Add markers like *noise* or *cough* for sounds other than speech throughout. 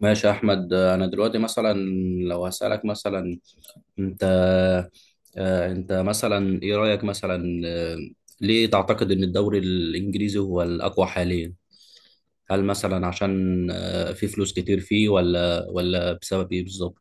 ماشي يا احمد. انا دلوقتي مثلا لو هسألك مثلا انت، انت مثلا ايه رأيك مثلا، ليه تعتقد ان الدوري الانجليزي هو الاقوى حاليا؟ هل مثلا عشان في فلوس كتير فيه ولا بسبب ايه بالظبط؟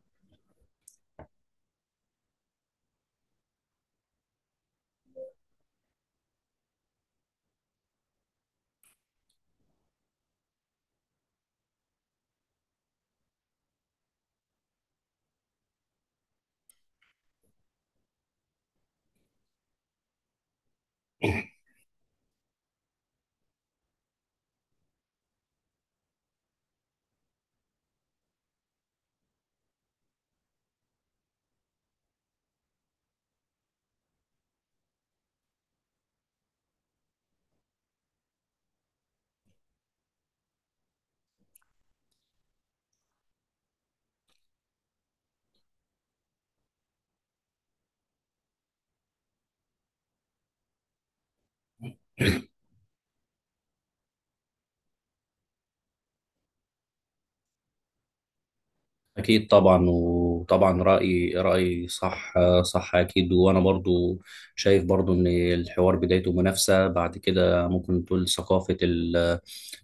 أكيد طبعا، وطبعا رأي صح. صح أكيد، وأنا برضو شايف برضو إن الحوار بدايته منافسة، بعد كده ممكن تقول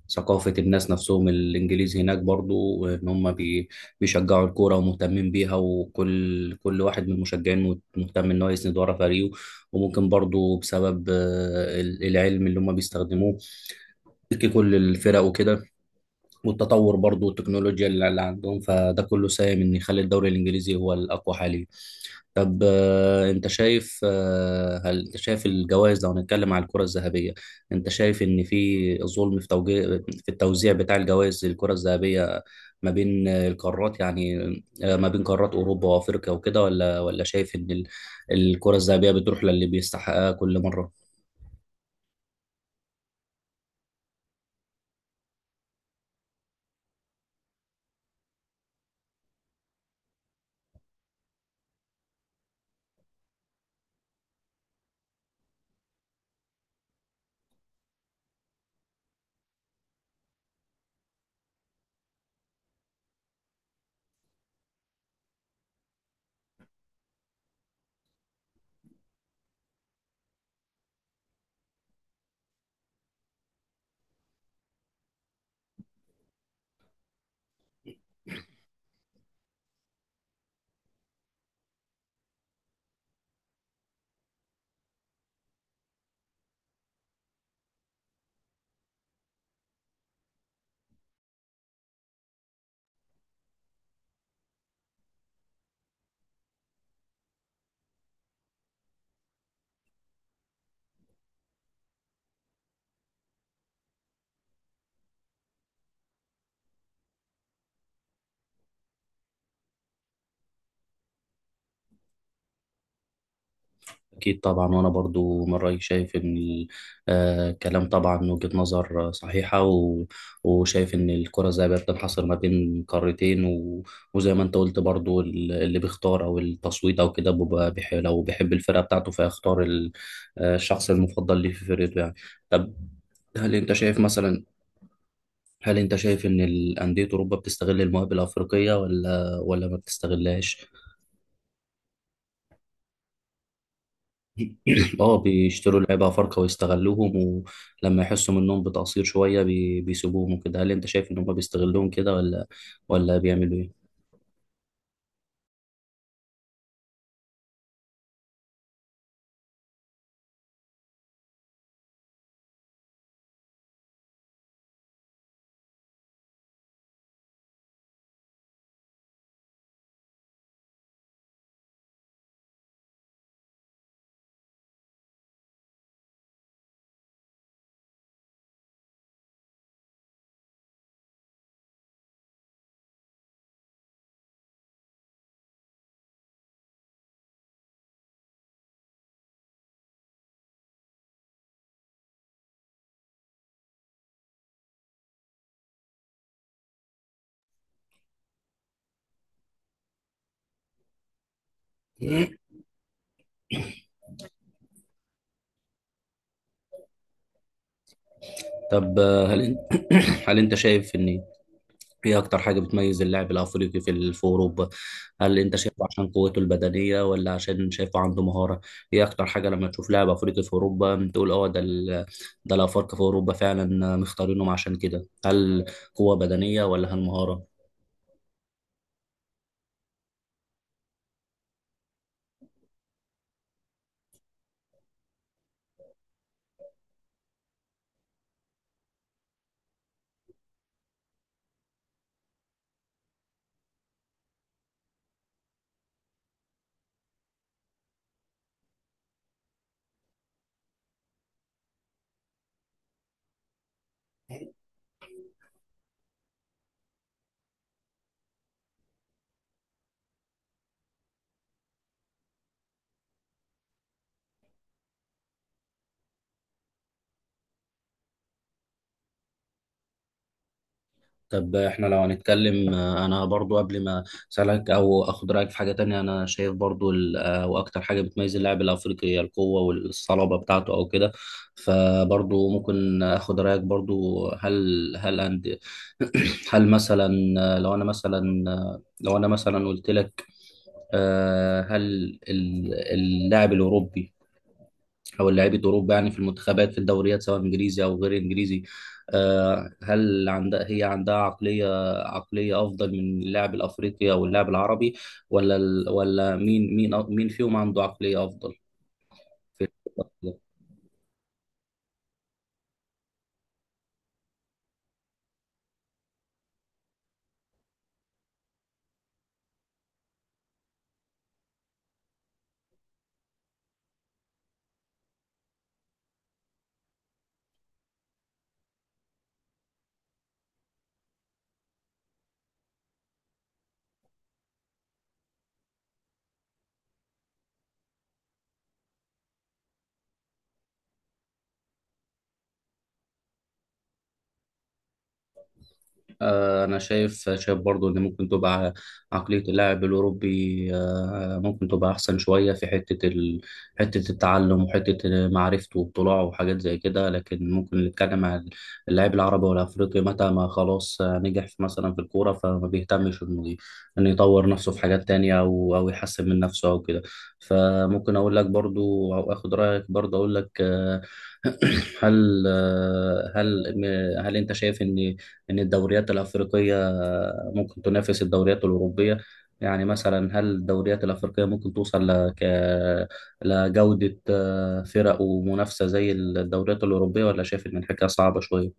ثقافة الناس نفسهم الإنجليز هناك، برضو إن هم بيشجعوا الكورة ومهتمين بيها، وكل كل واحد من المشجعين مهتم إن هو يسند ورا فريقه. وممكن برضو بسبب العلم اللي هم بيستخدموه كل الفرق وكده، والتطور برضو والتكنولوجيا اللي عندهم، فده كله ساهم ان يخلي الدوري الانجليزي هو الاقوى حاليا. طب آه، انت شايف آه، هل انت شايف الجوائز، لو هنتكلم على الكرة الذهبية، انت شايف ان في ظلم في توجيه في التوزيع بتاع الجوائز للكرة الذهبية ما بين القارات يعني، ما بين قارات اوروبا وافريقيا وكده، ولا شايف ان الكرة الذهبية بتروح للي بيستحقها كل مرة؟ أكيد طبعا، وأنا برضو من رأيي شايف إن الكلام طبعا وجهة نظر صحيحة. و... وشايف إن الكرة زي ما بتنحصر ما بين قارتين، و... وزي ما أنت قلت برضو اللي بيختار أو التصويت أو كده بيبقى لو بيحب الفرقة بتاعته فيختار ال... آه، الشخص المفضل ليه في فرقته يعني. طب هل أنت شايف مثلا، هل أنت شايف إن الأندية أوروبا بتستغل المواهب الأفريقية ولا ما بتستغلهاش؟ اه بيشتروا لعيبة أفارقة ويستغلوهم، ولما يحسوا منهم بتقصير شوية بيسيبوهم وكده، هل أنت شايف إن هما بيستغلوهم كده ولا ولا بيعملوا إيه؟ طب هل أنت *coughs* هل أنت شايف إن إيه أكتر حاجة بتميز اللاعب الأفريقي في في أوروبا؟ هل أنت شايفه عشان قوته البدنية ولا عشان شايفه عنده مهارة؟ إيه أكتر حاجة لما تشوف لاعب أفريقي في أوروبا تقول أه ده ده الأفارقة في أوروبا فعلا مختارينهم عشان كده؟ هل قوة بدنية ولا هل مهارة؟ طب احنا لو هنتكلم، انا برضو قبل ما اسالك او اخد رايك في حاجه تانية، انا شايف برضو واكتر حاجه بتميز اللاعب الافريقي هي القوه والصلابه بتاعته او كده. فبرضو ممكن اخد رايك برضو، هل هل أند *clears throat* هل مثلا لو انا مثلا قلت لك، هل اللاعب الاوروبي او لعيبه اوروبا يعني في المنتخبات في الدوريات سواء انجليزي او غير انجليزي، هل عندها، هي عندها عقليه افضل من اللاعب الافريقي او اللاعب العربي، ولا مين فيهم عنده عقليه افضل في؟ أنا شايف برضو إن ممكن تبقى عقلية اللاعب الأوروبي، ممكن تبقى أحسن شوية في حتة التعلم وحتة معرفته واطلاعه وحاجات زي كده. لكن ممكن نتكلم عن اللاعب العربي والأفريقي متى ما خلاص، نجح في مثلا في الكورة، فما بيهتمش إنه يطور نفسه في حاجات تانية أو يحسن من نفسه أو كده. فممكن أقول لك برضو أو آخد رأيك برضو، أقول لك آه، *clears throat* هل آه، هل هل أنت شايف إن ان الدوريات الافريقيه ممكن تنافس الدوريات الاوروبيه؟ يعني مثلا هل الدوريات الافريقيه ممكن توصل لك لجوده فرق ومنافسه زي الدوريات الاوروبيه، ولا شايف ان الحكايه صعبه شويه؟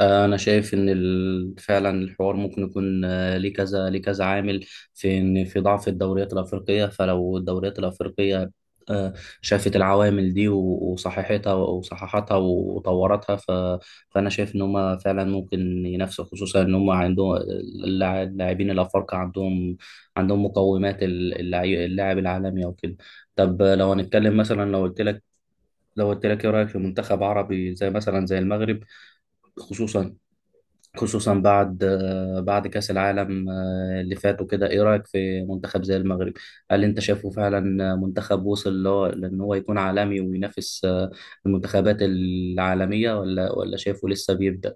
انا شايف ان فعلا الحوار ممكن يكون ليه كذا ليه كذا عامل في ان في ضعف الدوريات الافريقيه. فلو الدوريات الافريقيه آه، شافت العوامل دي وصححتها وطورتها، ف... فانا شايف ان هم فعلا ممكن ينافسوا، خصوصا ان هم عندهم اللاعبين الافارقه عندهم مقومات اللاعب العالمي او كده. طب لو هنتكلم مثلا، لو قلت لك ايه رايك في منتخب عربي زي مثلا زي المغرب، خصوصا خصوصا بعد بعد كأس العالم اللي فات وكده، ايه رأيك في منتخب زي المغرب؟ هل انت شايفه فعلا منتخب وصل اللي هو لان هو يكون عالمي وينافس المنتخبات العالمية، ولا شايفه لسه بيبدأ؟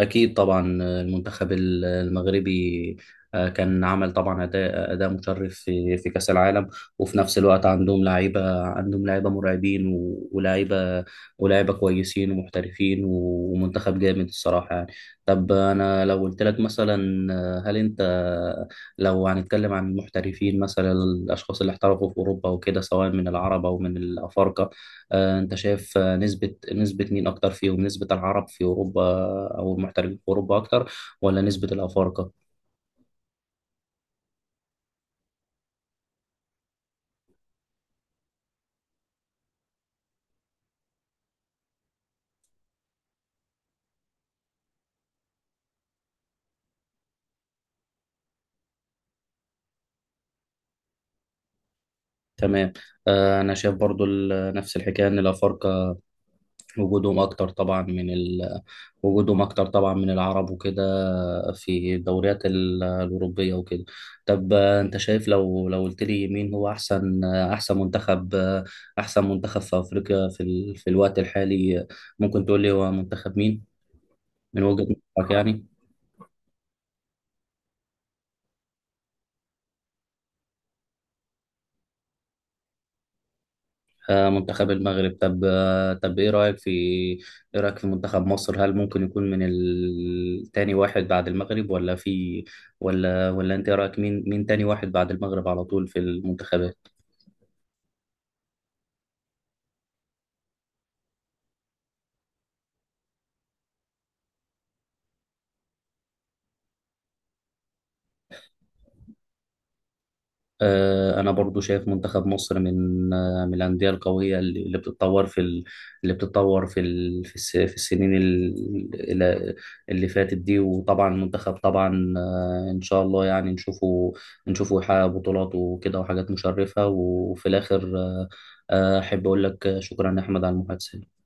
أكيد طبعا المنتخب المغربي كان عمل طبعا أداء مشرف في في كأس العالم، وفي نفس الوقت عندهم لعيبة مرعبين ولاعيبة كويسين ومحترفين ومنتخب جامد الصراحة يعني. طب أنا لو قلت لك مثلا، آه، هل أنت لو هنتكلم عن المحترفين مثلا، الأشخاص اللي احترفوا في أوروبا وكده سواء من العرب أو من الأفارقة، آه، انت شايف آه، نسبة مين اكتر فيهم، نسبة العرب في اوروبا او المحترفين في اوروبا اكتر، ولا نسبة الافارقة؟ تمام. انا شايف برضو نفس الحكاية ان الافارقة وجودهم اكتر طبعا من ال... وجودهم اكتر طبعا من العرب وكده في الدوريات الاوروبية وكده. طب انت شايف، لو قلت لي مين هو احسن احسن منتخب في افريقيا في في الوقت الحالي، ممكن تقول لي هو منتخب مين من وجهة نظرك يعني؟ منتخب المغرب. طب ايه رأيك في منتخب مصر؟ هل ممكن يكون من تاني واحد بعد المغرب ولا في ولا ولا انت إيه رأيك، مين مين تاني واحد بعد المغرب على طول في المنتخبات؟ انا برضو شايف منتخب مصر من من الانديه القويه اللي بتتطور في في السنين الى- اللي فاتت دي. وطبعا المنتخب طبعا ان شاء الله يعني نشوفه يحقق بطولات وكده وحاجات مشرفه. وفي الاخر احب اقول لك شكرا يا احمد على المحادثه.